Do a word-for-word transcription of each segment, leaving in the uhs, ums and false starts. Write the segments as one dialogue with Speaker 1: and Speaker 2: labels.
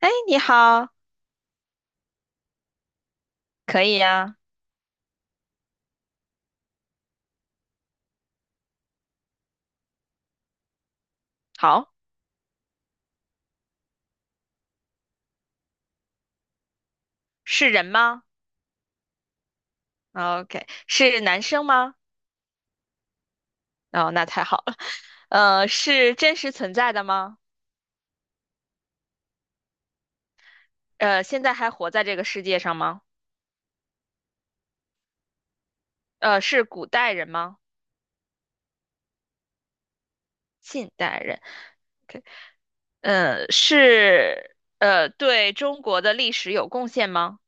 Speaker 1: 哎，你好。可以呀。好。是人吗哦？OK，是男生吗？哦，那太好了。呃，是真实存在的吗？呃，现在还活在这个世界上吗？呃，是古代人吗？近代人？OK。呃，是呃，对中国的历史有贡献吗？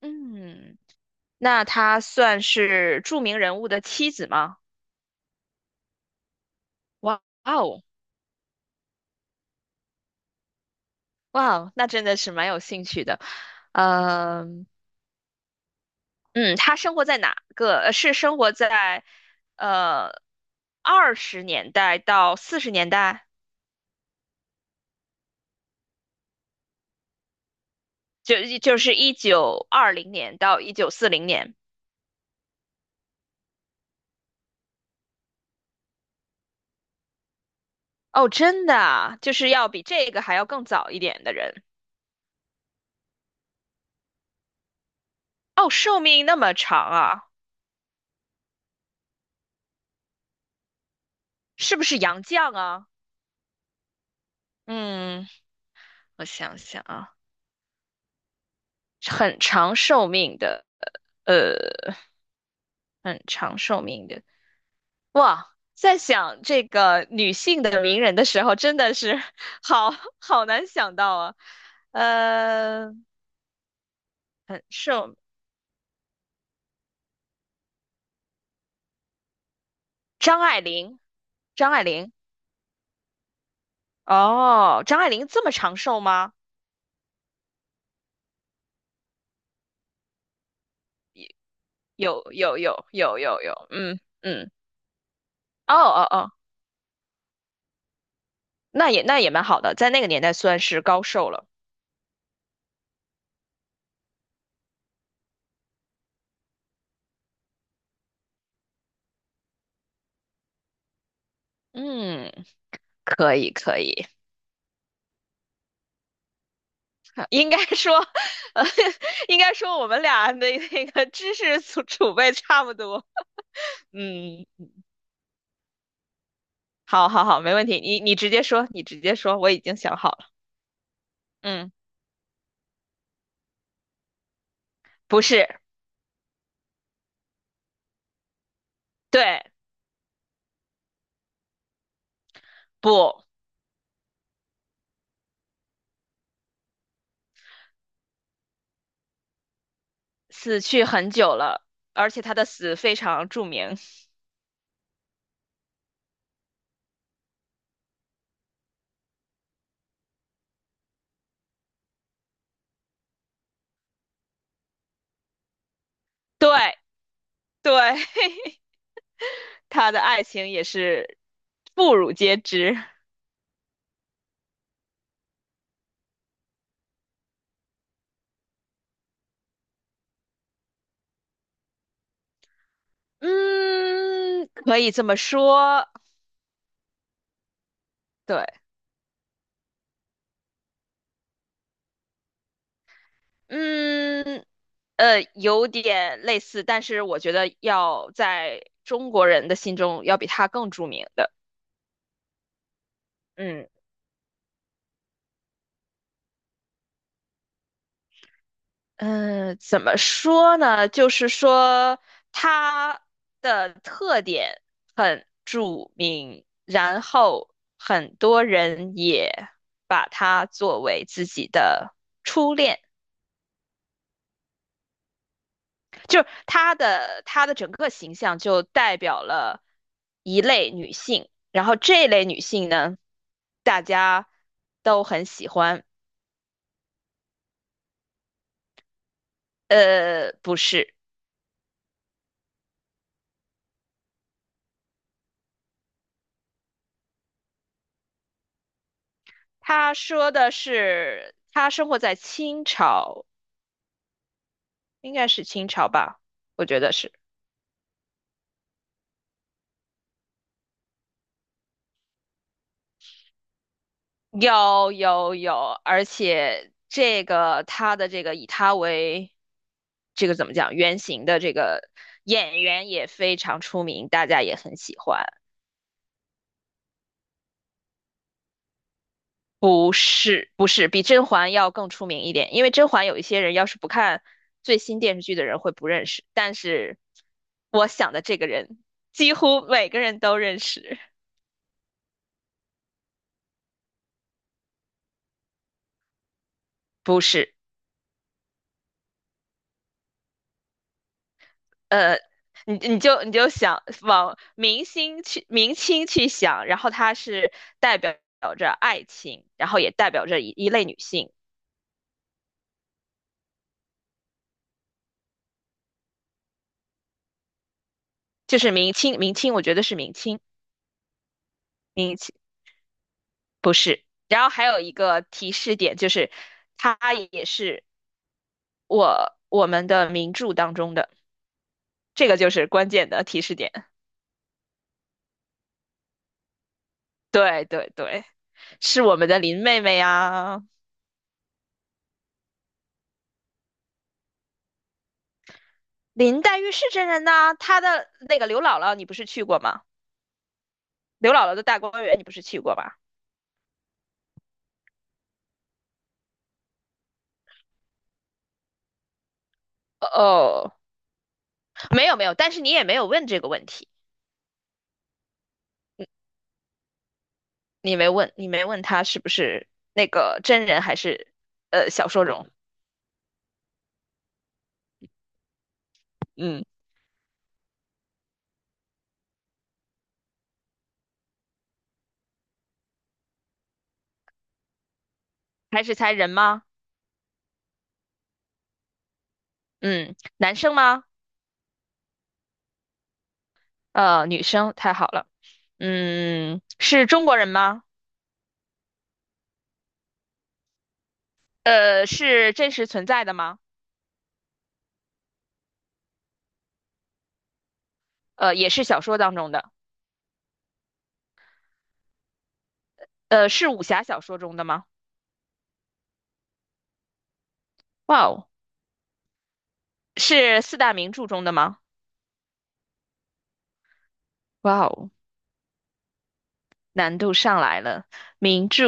Speaker 1: 嗯，那他算是著名人物的妻子吗？哇哦。哇哦，那真的是蛮有兴趣的。嗯。嗯，他生活在哪个？呃是生活在呃二十年代到四十年代，就就是一九二零年到一九四零年。哦，真的啊，就是要比这个还要更早一点的人。哦，寿命那么长啊，是不是杨绛啊？嗯，我想想啊。很长寿命的，很长寿命的。哇，在想这个女性的名人的时候，真的是 好好难想到啊。呃，很瘦。张爱玲，张爱玲。哦，张爱玲这么长寿吗？有有有有有有，嗯嗯。哦哦哦，那也那也蛮好的，在那个年代算是高寿了。嗯，可以可以。应该说，呃，应该说我们俩的那个知识储储备差不多。嗯。好好好，没问题，你你直接说，你直接说，我已经想好了。嗯。不是。对。不。死去很久了，而且他的死非常著名。对对。他的爱情也是妇孺皆知。嗯，可以这么说。对。嗯。呃，有点类似，但是我觉得要在中国人的心中要比他更著名的。嗯。嗯，呃怎么说呢？就是说她的特点很著名，然后很多人也把她作为自己的初恋，就是她的她的整个形象就代表了一类女性，然后这类女性呢，大家都很喜欢。呃，不是。他说的是她生活在清朝。应该是清朝吧，我觉得是。有有有，而且这个他的这个以他为这个怎么讲原型的这个演员也非常出名，大家也很喜欢。不是不是，比甄嬛要更出名一点，因为甄嬛有一些人要是不看最新电视剧的人会不认识，但是我想的这个人几乎每个人都认识。不是。呃，你你就你就想往明星去明清去想，然后它是代表着爱情，然后也代表着一一类女性。就是明清明清，我觉得是明清明清不是。然后还有一个提示点就是，它也是我我们的名著当中的，这个就是关键的提示点。对对对，是我们的林妹妹呀。林黛玉是真人呐、她的那个刘姥姥你不是去过吗？刘姥姥的大观园你不是去过吧？哦。没有没有，但是你也没有问这个问题。你没问，你没问他是不是那个真人还是呃小说中。嗯。还是才人吗？嗯，男生吗？呃，女生，太好了。嗯，是中国人吗？呃，是真实存在的吗？呃，也是小说当中的。呃，是武侠小说中的吗？哇哦。是四大名著中的吗？哇哦。难度上来了。名著，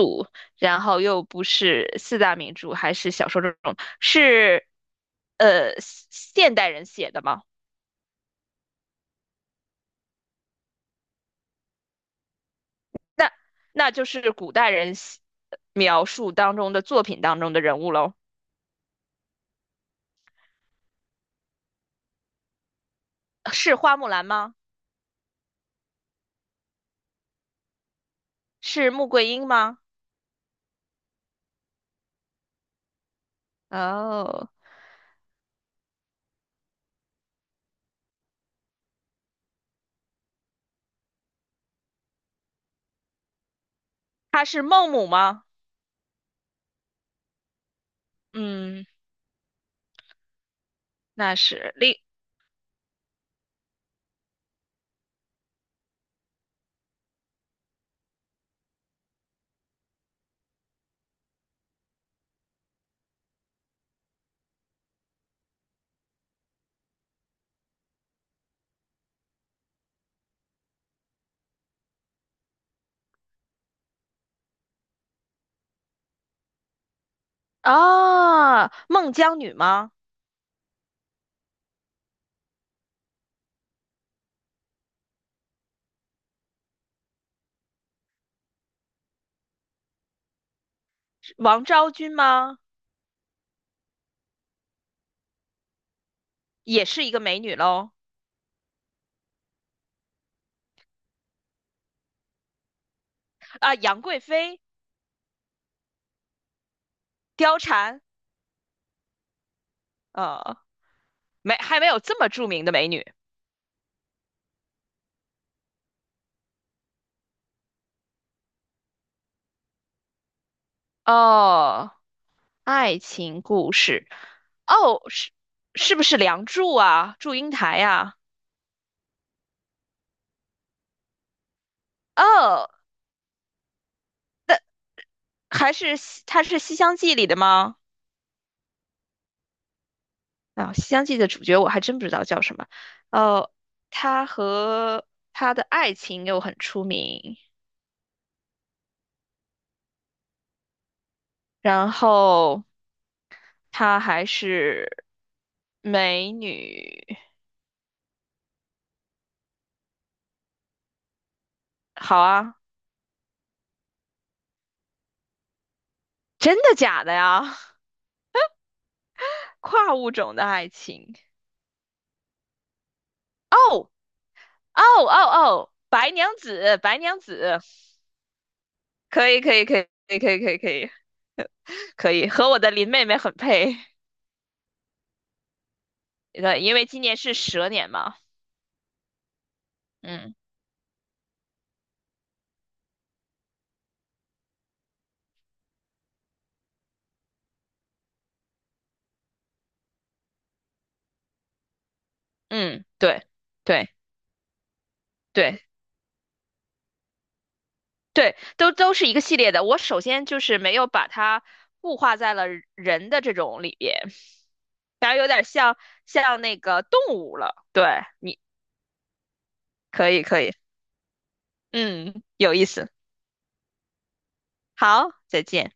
Speaker 1: 然后又不是四大名著，还是小说这种，是呃现代人写的吗？那就是古代人写描述当中的作品当中的人物喽。是花木兰吗？是穆桂英吗？哦。她是孟母吗？嗯。那是另啊，孟姜女吗？是王昭君吗？也是一个美女喽。啊，杨贵妃、貂蝉。呃。没还没有这么著名的美女。哦。爱情故事。哦，是是不是《梁祝》啊，《祝英台》呀？哦。还是西它是《西厢记》里的吗？啊、西厢记》的主角我还真不知道叫什么。哦，他和他的爱情又很出名，然后她还是美女。好啊。真的假的呀？跨物种的爱情。哦。哦哦哦，白娘子，白娘子。可以可以可以可以可以可以可以可以，和我的林妹妹很配。对，因为今年是蛇年嘛。嗯嗯。对对对对，都都是一个系列的。我首先就是没有把它固化在了人的这种里边，然后有点像像那个动物了。对，你可以可以。嗯，有意思。好，再见。